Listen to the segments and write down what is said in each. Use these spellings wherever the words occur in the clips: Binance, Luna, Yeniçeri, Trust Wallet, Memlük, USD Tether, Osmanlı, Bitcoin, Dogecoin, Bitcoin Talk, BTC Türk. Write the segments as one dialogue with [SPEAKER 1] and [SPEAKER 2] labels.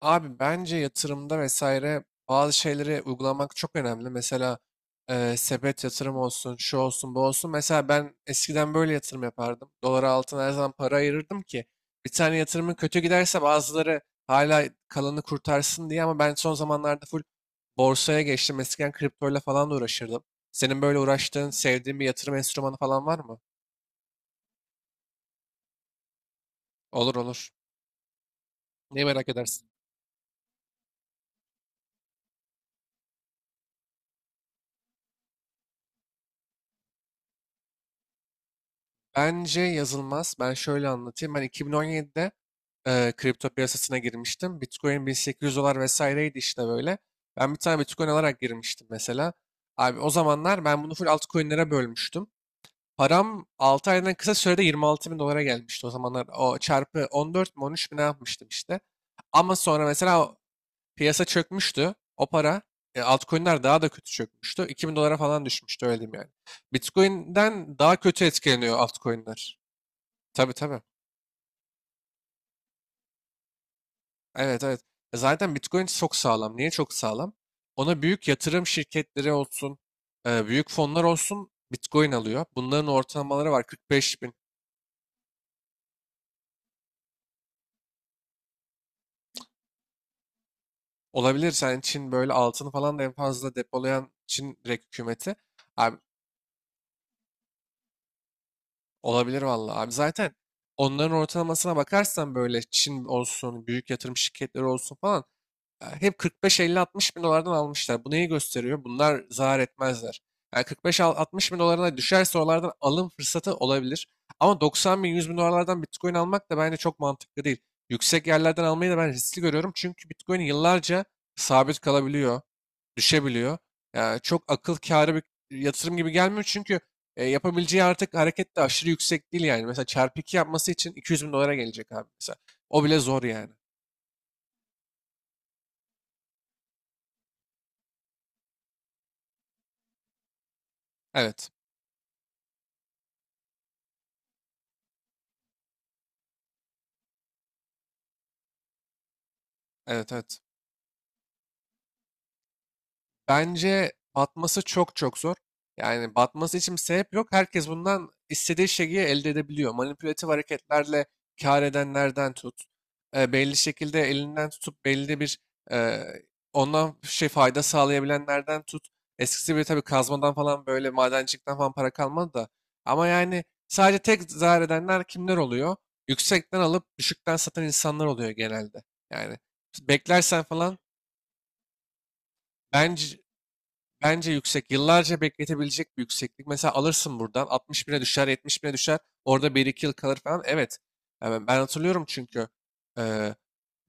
[SPEAKER 1] Abi bence yatırımda vesaire bazı şeyleri uygulamak çok önemli. Mesela sepet yatırım olsun, şu olsun, bu olsun. Mesela ben eskiden böyle yatırım yapardım. Dolara altına her zaman para ayırırdım ki bir tane yatırımın kötü giderse bazıları hala kalanı kurtarsın diye, ama ben son zamanlarda full borsaya geçtim. Eskiden kriptoyla falan da uğraşırdım. Senin böyle uğraştığın, sevdiğin bir yatırım enstrümanı falan var mı? Olur, olur. Neyi merak edersin? Bence yazılmaz. Ben şöyle anlatayım. Ben 2017'de kripto piyasasına girmiştim. Bitcoin 1800 dolar vesaireydi, işte böyle. Ben bir tane Bitcoin alarak girmiştim mesela. Abi o zamanlar ben bunu full altcoin'lere bölmüştüm. Param 6 aydan kısa sürede 26 bin dolara gelmişti. O zamanlar o çarpı 14 mi 13 mi ne yapmıştım işte. Ama sonra mesela o piyasa çökmüştü. O para, altcoin'ler daha da kötü çökmüştü. 2000 dolara falan düşmüştü, öyle diyeyim yani. Bitcoin'den daha kötü etkileniyor altcoin'ler. Tabii tabii. Evet evet. Zaten Bitcoin çok sağlam. Niye çok sağlam? Ona büyük yatırım şirketleri olsun, büyük fonlar olsun, Bitcoin alıyor. Bunların ortalamaları var, 45 bin. Olabilir, sen Çin böyle altını falan da en fazla depolayan Çin direkt hükümeti. Abi olabilir vallahi. Abi zaten onların ortalamasına bakarsan böyle, Çin olsun, büyük yatırım şirketleri olsun falan, hep 45-50-60 bin dolardan almışlar. Bu neyi gösteriyor? Bunlar zarar etmezler. Yani 45-60 bin dolarına düşerse oralardan alım fırsatı olabilir. Ama 90 bin 100 bin dolarlardan Bitcoin almak da bence çok mantıklı değil. Yüksek yerlerden almayı da ben riskli görüyorum. Çünkü Bitcoin yıllarca sabit kalabiliyor, düşebiliyor. Ya çok akıl kârı bir yatırım gibi gelmiyor, çünkü yapabileceği artık hareket de aşırı yüksek değil yani. Mesela çarpı 2 yapması için 200 bin dolara gelecek abi mesela. O bile zor yani. Evet. Evet evet. Bence batması çok çok zor. Yani batması için bir sebep yok. Herkes bundan istediği şeyi elde edebiliyor. Manipülatif hareketlerle kâr edenlerden tut, belli şekilde elinden tutup belli bir e, ondan şey fayda sağlayabilenlerden tut. Eskisi gibi tabii kazmadan falan, böyle madencilikten falan para kalmadı da. Ama yani sadece tek zarar edenler kimler oluyor? Yüksekten alıp düşükten satan insanlar oluyor genelde. Yani beklersen falan bence Bence yüksek. Yıllarca bekletebilecek bir yükseklik. Mesela alırsın, buradan 60 bine düşer, 70 bine düşer. Orada bir iki yıl kalır falan. Evet. Yani ben hatırlıyorum, çünkü eee,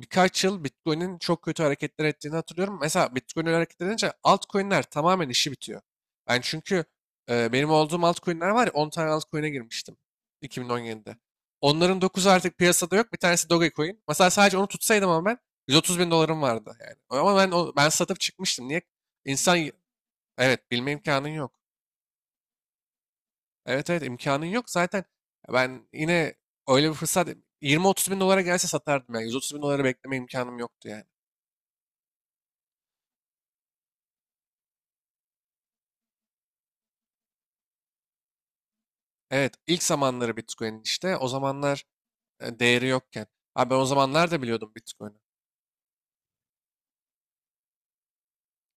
[SPEAKER 1] birkaç yıl Bitcoin'in çok kötü hareketler ettiğini hatırlıyorum. Mesela Bitcoin öyle hareket edince altcoin'ler tamamen işi bitiyor. Ben çünkü benim olduğum altcoin'ler var ya, 10 tane altcoin'e girmiştim 2017'de. Onların 9'u artık piyasada yok. Bir tanesi Dogecoin. Mesela sadece onu tutsaydım, ama ben 130 bin dolarım vardı yani. Ama ben satıp çıkmıştım. Niye? İnsan. Evet, bilme imkanın yok. Evet evet, imkanın yok. Zaten ben yine öyle bir fırsat 20-30 bin dolara gelse satardım yani. 130 bin dolara bekleme imkanım yoktu yani. Evet, ilk zamanları Bitcoin, işte o zamanlar değeri yokken. Abi ben o zamanlar da biliyordum Bitcoin'i.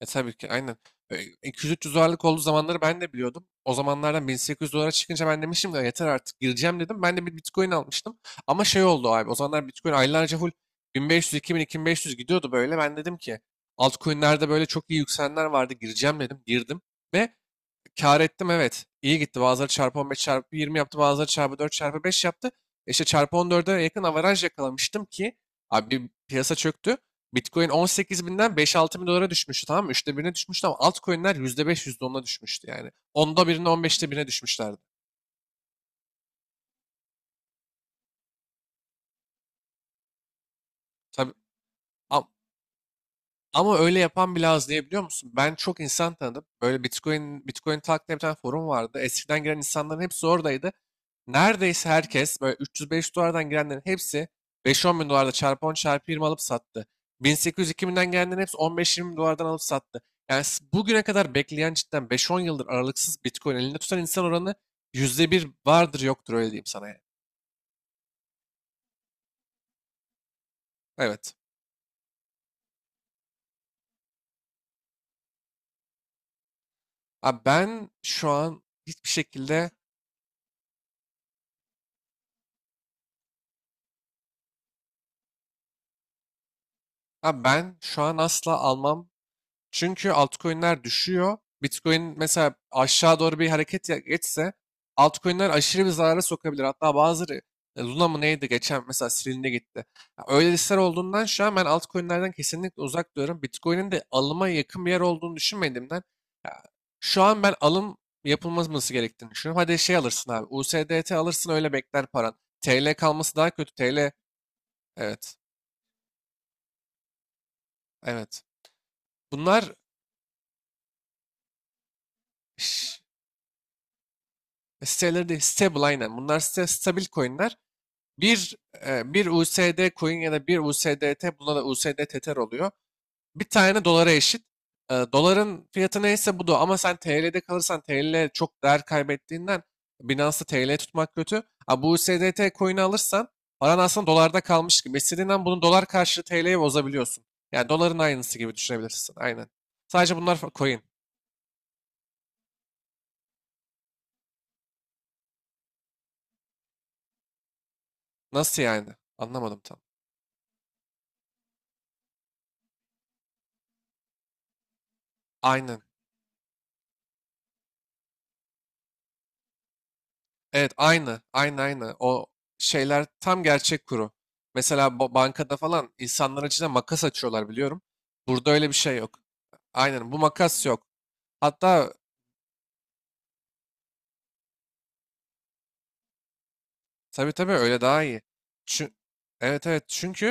[SPEAKER 1] E tabii ki, aynen. E, 200-300 dolarlık olduğu zamanları ben de biliyordum. O zamanlardan 1800 dolara çıkınca ben demiştim ki, "Ya yeter artık, gireceğim," dedim. Ben de bir Bitcoin almıştım. Ama şey oldu abi, o zamanlar Bitcoin aylarca full 1500, 2000, 2500 gidiyordu böyle. Ben dedim ki altcoin'lerde böyle çok iyi yükselenler vardı, gireceğim dedim. Girdim ve kâr ettim, evet. İyi gitti. Bazıları çarpı 15 çarpı 20 yaptı. Bazıları çarpı 4 çarpı 5 yaptı. İşte çarpı 14'e yakın avaraj yakalamıştım ki abi, piyasa çöktü. Bitcoin 18 binden 5-6 bin dolara düşmüştü, tamam mı? Üçte birine düşmüştü ama altcoin'ler yüzde %10'a düşmüştü yani. Onda birine, on beşte birine düşmüşlerdi. Tabii. Ama öyle yapan bile az, diye biliyor musun? Ben çok insan tanıdım. Böyle Bitcoin, Bitcoin Talk diye bir tane forum vardı. Eskiden giren insanların hepsi oradaydı. Neredeyse herkes, böyle 300-500 dolardan girenlerin hepsi 5-10 bin dolarda çarpı 10 çarpı 20 alıp sattı. 1800-2000'den gelenlerin hepsi 15-20 dolardan alıp sattı. Yani bugüne kadar bekleyen, cidden 5-10 yıldır aralıksız Bitcoin elinde tutan insan oranı yüzde bir vardır yoktur, öyle diyeyim sana yani. Evet. Abi ben şu an hiçbir şekilde abi ben şu an asla almam. Çünkü altcoin'ler düşüyor. Bitcoin mesela aşağı doğru bir hareket geçse altcoin'ler aşırı bir zarara sokabilir. Hatta bazıları, Luna mı neydi geçen mesela, silindi gitti. Ya öyle listeler olduğundan şu an ben altcoin'lerden kesinlikle uzak duruyorum. Bitcoin'in de alıma yakın bir yer olduğunu düşünmediğimden ya, şu an ben alım yapılması gerektiğini düşünüyorum. Hadi şey alırsın abi, USDT alırsın, öyle bekler paran. TL kalması daha kötü. TL, evet. Evet. Bunlar, siteleri değil, stable, aynen. Bunlar site, stabil coinler. Bir, Bir USD coin ya da bir USDT, buna da USD Tether oluyor. Bir tane dolara eşit. E, doların fiyatı neyse bu da. Ama sen TL'de kalırsan, TL çok değer kaybettiğinden Binance'da TL tutmak kötü. Ha, bu USDT coin'i alırsan paran aslında dolarda kalmış gibi. İstediğinden bunu dolar karşılığı TL'ye bozabiliyorsun. Yani doların aynısı gibi düşünebilirsin. Aynen. Sadece bunlar coin. Nasıl yani? Anlamadım tam. Aynen. Evet, aynı. Aynı aynı. O şeyler tam gerçek kuru. Mesela bankada falan insanların içine makas açıyorlar, biliyorum. Burada öyle bir şey yok. Aynen, bu makas yok. Hatta. Tabii tabii, öyle daha iyi. Çün- evet evet, çünkü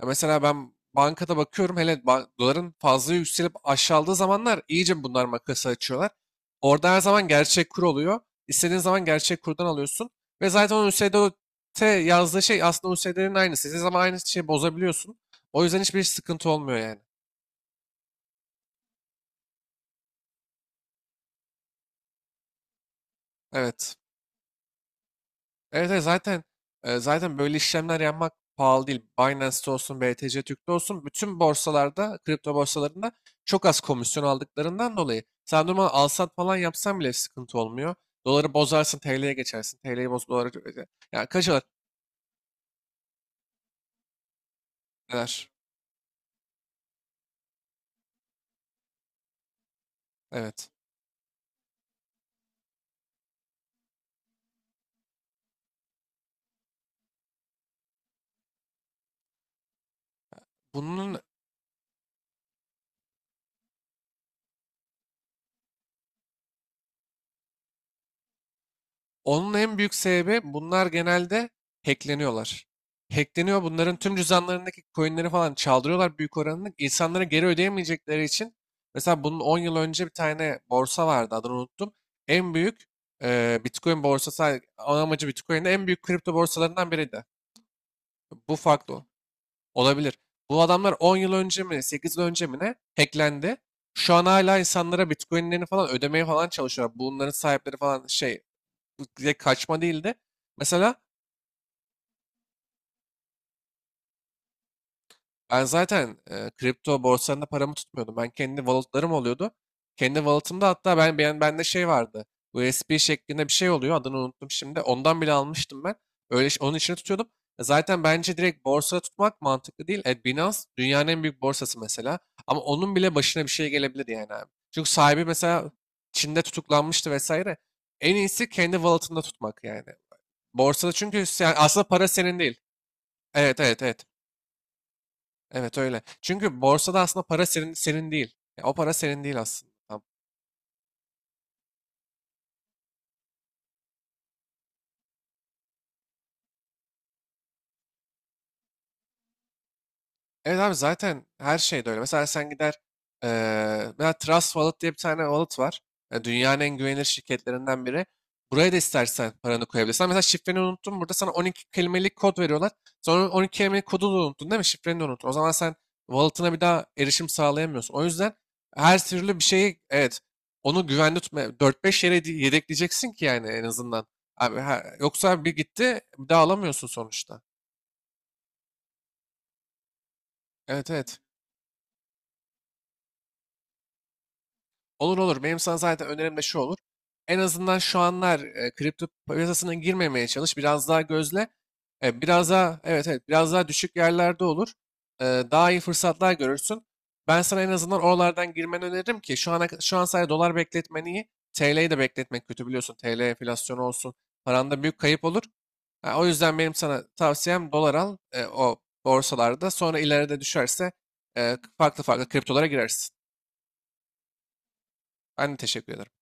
[SPEAKER 1] ya mesela ben bankada bakıyorum, hele doların fazla yükselip aşağıladığı zamanlar iyice bunlar makası açıyorlar. Orada her zaman gerçek kur oluyor. İstediğin zaman gerçek kurdan alıyorsun. Ve zaten o U S D O t yazdığı şey aslında USDT'nin aynısı. İstediğin zaman aynı şeyi bozabiliyorsun. O yüzden hiçbir sıkıntı olmuyor yani. Evet. Evet, evet, zaten zaten böyle işlemler yapmak pahalı değil. Binance'te olsun, BTC Türk'te olsun, bütün borsalarda, kripto borsalarında çok az komisyon aldıklarından dolayı sen normal alsat falan yapsan bile sıkıntı olmuyor. Doları bozarsın, TL'ye geçersin. TL'yi boz, doları. Ya kaç alır? Evet. Bunun Onun en büyük sebebi, bunlar genelde hackleniyorlar. Hackleniyor, bunların tüm cüzdanlarındaki coinleri falan çaldırıyorlar büyük oranını. İnsanlara geri ödeyemeyecekleri için, mesela bunun 10 yıl önce bir tane borsa vardı, adını unuttum. En büyük Bitcoin borsası, ana amacı Bitcoin'de, en büyük kripto borsalarından biriydi. Bu farklı olabilir. Bu adamlar 10 yıl önce mi 8 yıl önce mi ne hacklendi. Şu an hala insanlara Bitcoin'lerini falan ödemeye falan çalışıyorlar. Bunların sahipleri falan şey, direkt kaçma değil de, mesela ben zaten kripto borsalarında paramı tutmuyordum. Ben kendi walletlarım oluyordu. Kendi walletımda, hatta ben bende şey vardı. USB şeklinde bir şey oluyor. Adını unuttum şimdi. Ondan bile almıştım ben. Onun içine tutuyordum. E, zaten bence direkt borsada tutmak mantıklı değil. E, Binance dünyanın en büyük borsası mesela. Ama onun bile başına bir şey gelebilir yani abi. Çünkü sahibi mesela Çin'de tutuklanmıştı vesaire. En iyisi kendi wallet'ında tutmak yani. Borsada çünkü sen, aslında para senin değil. Evet evet evet. Evet, öyle. Çünkü borsada aslında para senin, senin değil. Ya, o para senin değil aslında. Evet abi, zaten her şey de öyle. Mesela sen gider eee mesela Trust Wallet diye bir tane wallet var. E, dünyanın en güvenilir şirketlerinden biri. Buraya da istersen paranı koyabilirsin. Ama mesela şifreni unuttun, burada sana 12 kelimelik kod veriyorlar. Sonra 12 kelimelik kodu da unuttun, değil mi? Şifreni de unuttun. O zaman sen wallet'ına bir daha erişim sağlayamıyorsun. O yüzden her türlü bir şeyi, evet, onu güvende tutma. 4-5 yere yedekleyeceksin ki yani, en azından. Abi, yoksa bir gitti bir daha alamıyorsun sonuçta. Evet evet. Olur olur. Benim sana zaten önerim de şu olur. En azından şu anlar kripto piyasasına girmemeye çalış. Biraz daha gözle. E, biraz daha, evet evet, biraz daha düşük yerlerde olur. E, daha iyi fırsatlar görürsün. Ben sana en azından oralardan girmeni öneririm ki şu ana, şu an sadece dolar bekletmen iyi. TL'yi de bekletmek kötü, biliyorsun. TL enflasyonu olsun, paranda büyük kayıp olur. Ha, o yüzden benim sana tavsiyem dolar al o borsalarda. Sonra ileride düşerse farklı farklı kriptolara girersin. Ben de teşekkür ederim.